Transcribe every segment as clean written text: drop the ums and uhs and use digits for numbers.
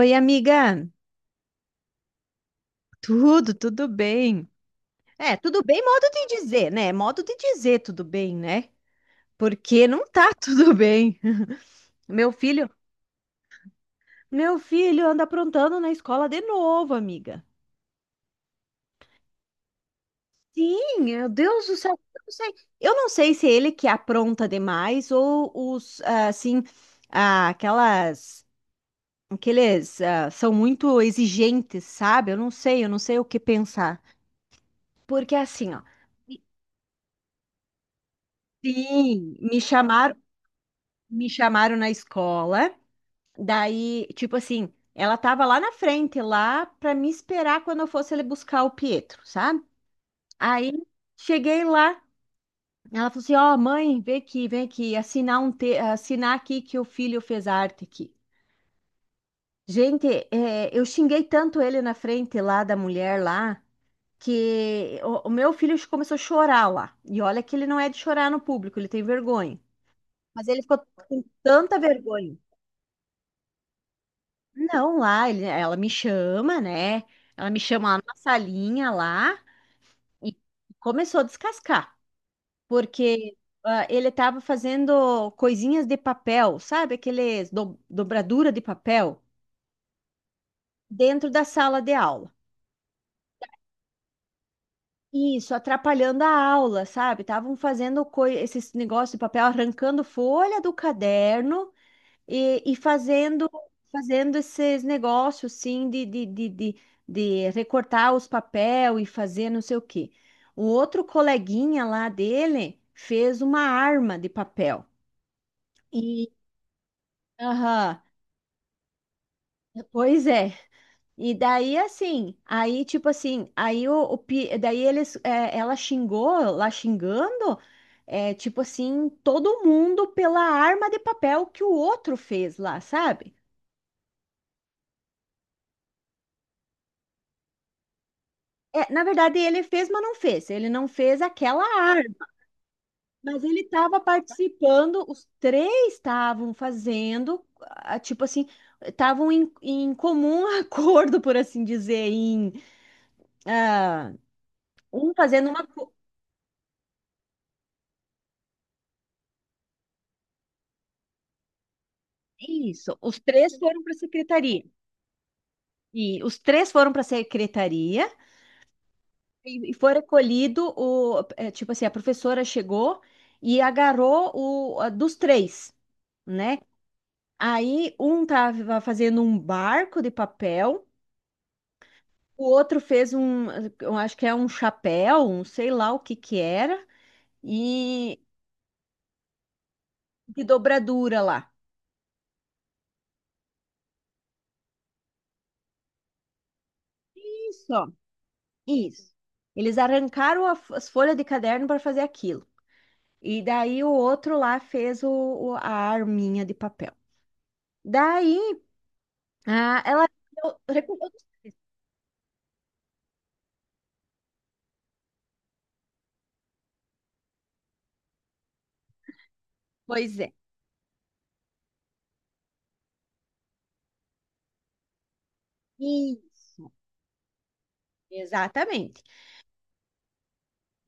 Oi, amiga. Tudo, bem? Tudo bem, modo de dizer, né? Modo de dizer tudo bem, né? Porque não tá tudo bem. Meu filho, meu filho anda aprontando na escola de novo, amiga. Sim, meu Deus do céu, eu não sei. Eu não sei se é ele que apronta demais ou os, assim, aquelas, aqueles, são muito exigentes, sabe? Eu não sei, o que pensar. Porque assim, ó, sim, me chamaram na escola. Daí, tipo assim, ela tava lá na frente, lá pra me esperar quando eu fosse ali buscar o Pietro, sabe? Aí cheguei lá, ela falou assim: "Ó, mãe, vem aqui, assinar um te assinar aqui que o filho fez arte aqui". Gente, eu xinguei tanto ele na frente lá da mulher lá que o meu filho começou a chorar lá. E olha que ele não é de chorar no público, ele tem vergonha. Mas ele ficou com tanta vergonha. Não, lá ela me chama, né? Ela me chama lá na salinha lá e começou a descascar, porque ele estava fazendo coisinhas de papel, sabe? Aqueles dobradura de papel dentro da sala de aula. Isso, atrapalhando a aula, sabe? Estavam fazendo esses negócios de papel, arrancando folha do caderno. E fazendo, fazendo esses negócios, sim, de recortar os papel e fazer não sei o quê. O outro coleguinha lá dele fez uma arma de papel. E, aham, pois é. E daí, assim, aí, tipo assim, aí daí eles, ela xingou, lá xingando, é, tipo assim, todo mundo pela arma de papel que o outro fez lá, sabe? É, na verdade, ele fez, mas não fez. Ele não fez aquela arte, mas ele estava participando, os três estavam fazendo, tipo assim, estavam em, em comum acordo, por assim dizer, em ah, um fazendo uma. Isso, os três foram para a secretaria. E os três foram para a secretaria e foi recolhido o, é, tipo assim, a professora chegou e agarrou o a dos três. Né? Aí um tava fazendo um barco de papel, o outro fez um, eu acho que é um chapéu, um sei lá o que que era, e de dobradura lá. Isso, ó, isso. Eles arrancaram as folhas de caderno para fazer aquilo. E daí o outro lá fez o, a arminha de papel. Daí, ela recomendou. Pois é. Isso, exatamente.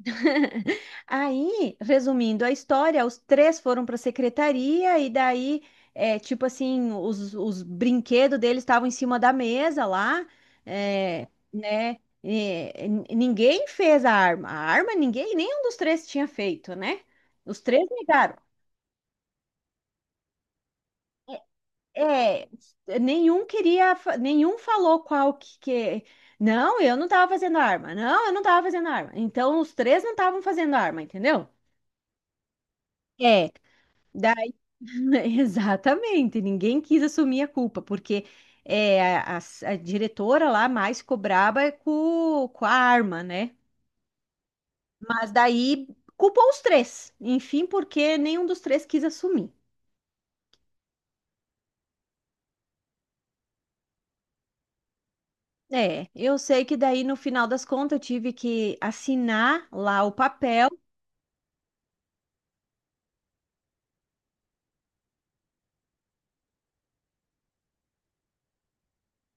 Aí, resumindo a história, os três foram para a secretaria e daí, é, tipo assim, os brinquedos deles estavam em cima da mesa lá, é, né? E ninguém fez a arma. A arma ninguém, nenhum dos três tinha feito, né? Os três negaram. É, nenhum queria, nenhum falou qual que... Não, eu não estava fazendo arma. Não, eu não estava fazendo arma. Então, os três não estavam fazendo arma, entendeu? É. Exatamente, ninguém quis assumir a culpa, porque é, a, a diretora lá mais ficou braba com a arma, né? Mas daí culpou os três, enfim, porque nenhum dos três quis assumir. É, eu sei que daí no final das contas eu tive que assinar lá o papel,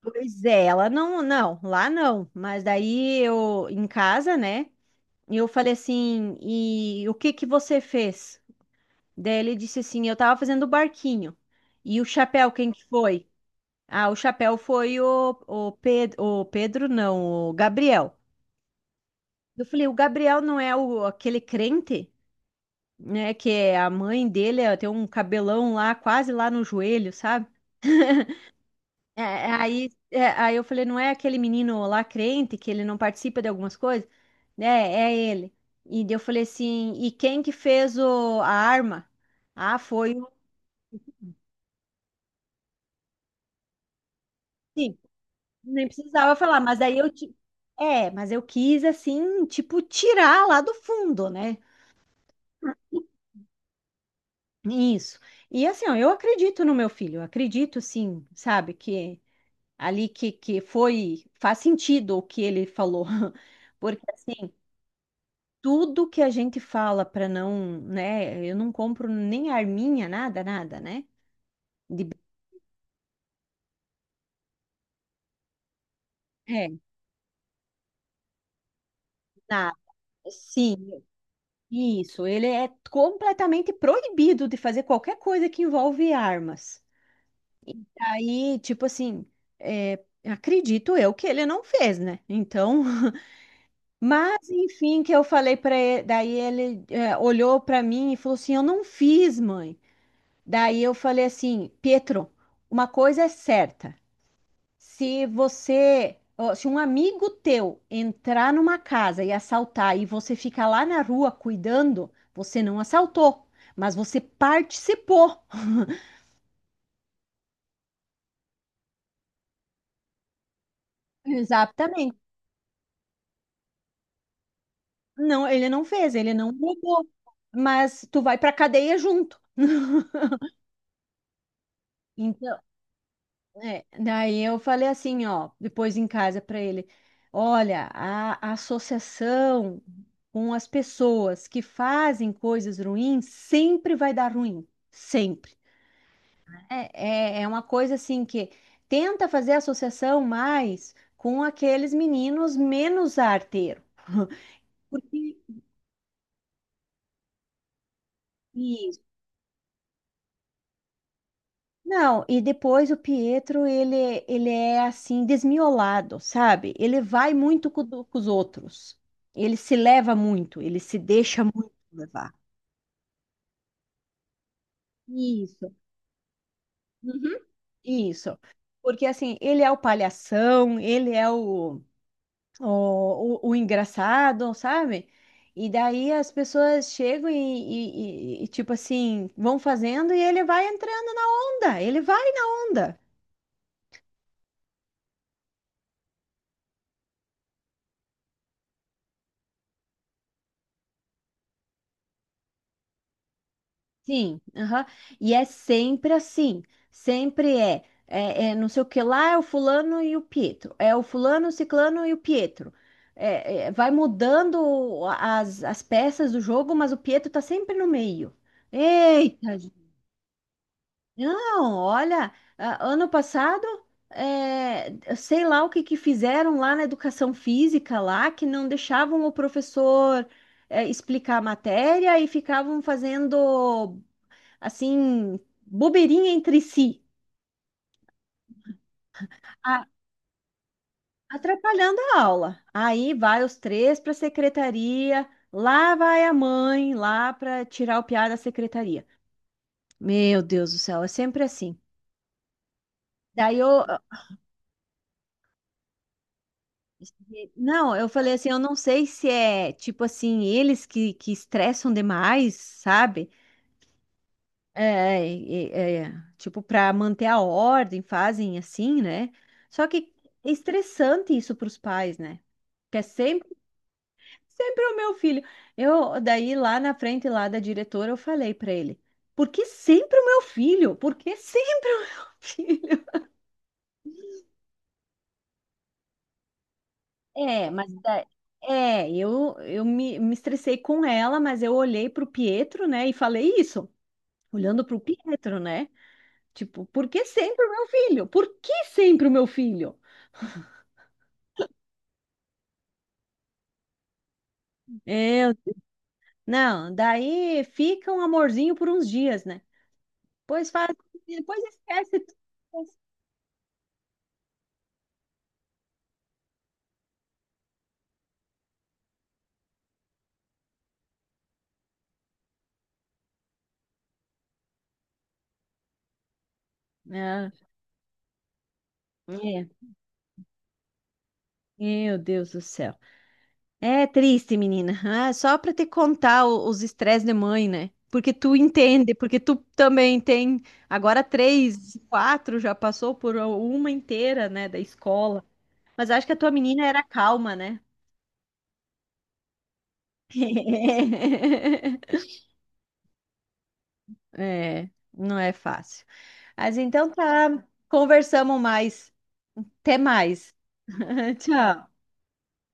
pois é, ela não, não, lá não, mas daí eu em casa, né? Eu falei assim, e o que que você fez? Daí ele disse assim: Eu tava fazendo o barquinho. E o chapéu, quem que foi? Ah, o chapéu foi o Pedro, não, o Gabriel. Eu falei: O Gabriel não é o, aquele crente, né? Que é a mãe dele é, tem um cabelão lá, quase lá no joelho, sabe? É, aí eu falei: Não é aquele menino lá crente que ele não participa de algumas coisas? Né? É ele. E daí eu falei assim: E quem que fez o, a arma? Ah, foi o. Nem precisava falar, mas aí é, mas eu quis, assim, tipo, tirar lá do fundo, né? Isso. E assim, ó, eu acredito no meu filho, eu acredito, sim, sabe, que ali que foi. Faz sentido o que ele falou. Porque, assim, tudo que a gente fala para não, né? Eu não compro nem arminha, nada, nada, né? De, é, nada. Sim, isso. Ele é completamente proibido de fazer qualquer coisa que envolve armas. Aí, tipo assim, é, acredito eu que ele não fez, né? Então, mas enfim, que eu falei para ele, daí ele olhou para mim e falou assim: "Eu não fiz, mãe". Daí eu falei assim: "Pietro, uma coisa é certa. Se você, ó, se um amigo teu entrar numa casa e assaltar e você ficar lá na rua cuidando, você não assaltou, mas você participou". Exatamente. Não, ele não fez, ele não mudou. Mas tu vai pra cadeia junto. Então, é, daí eu falei assim, ó, depois em casa para ele, olha, a associação com as pessoas que fazem coisas ruins sempre vai dar ruim, sempre. É uma coisa assim que tenta fazer associação mais com aqueles meninos menos arteiro, porque não, e depois o Pietro, ele é assim, desmiolado, sabe? Ele vai muito com, com os outros. Ele se leva muito, ele se deixa muito levar. Isso. Uhum. Isso. Porque assim, ele é o palhação, ele é o, o engraçado, sabe? E daí as pessoas chegam e, tipo assim, vão fazendo e ele vai entrando na onda, ele vai na onda. Sim, aham. E é sempre assim, sempre é não sei o que lá, é o fulano e o Pietro, é o fulano, o ciclano e o Pietro. Vai mudando as, as peças do jogo, mas o Pietro tá sempre no meio. Eita, gente. Não, olha, ano passado, eu sei lá o que que fizeram lá na educação física lá, que não deixavam o professor, explicar a matéria e ficavam fazendo assim, bobeirinha entre si, a- atrapalhando a aula. Aí vai os três para a secretaria, lá vai a mãe, lá para tirar o piá da secretaria. Meu Deus do céu, é sempre assim. Daí eu. Não, eu falei assim, eu não sei se é tipo assim, eles que estressam demais, sabe? Tipo, para manter a ordem, fazem assim, né? Só que é estressante isso para os pais, né? Porque é sempre sempre é o meu filho. Eu, daí lá na frente lá da diretora, eu falei para ele: "Por que sempre o meu filho? Por que sempre o meu filho?" É, mas é, eu me estressei com ela, mas eu olhei pro Pietro, né, e falei isso, olhando pro Pietro, né? Tipo, por que sempre o meu filho? Por que sempre o meu filho? Eu, não, daí fica um amorzinho por uns dias, né? Depois faz, depois esquece. Ah, é, meu Deus do céu. É triste, menina. Ah, só para te contar os estresses de mãe, né? Porque tu entende, porque tu também tem agora três, quatro, já passou por uma inteira, né, da escola. Mas acho que a tua menina era calma, né? É, não é fácil. Mas então tá, conversamos mais. Até mais. Tchau.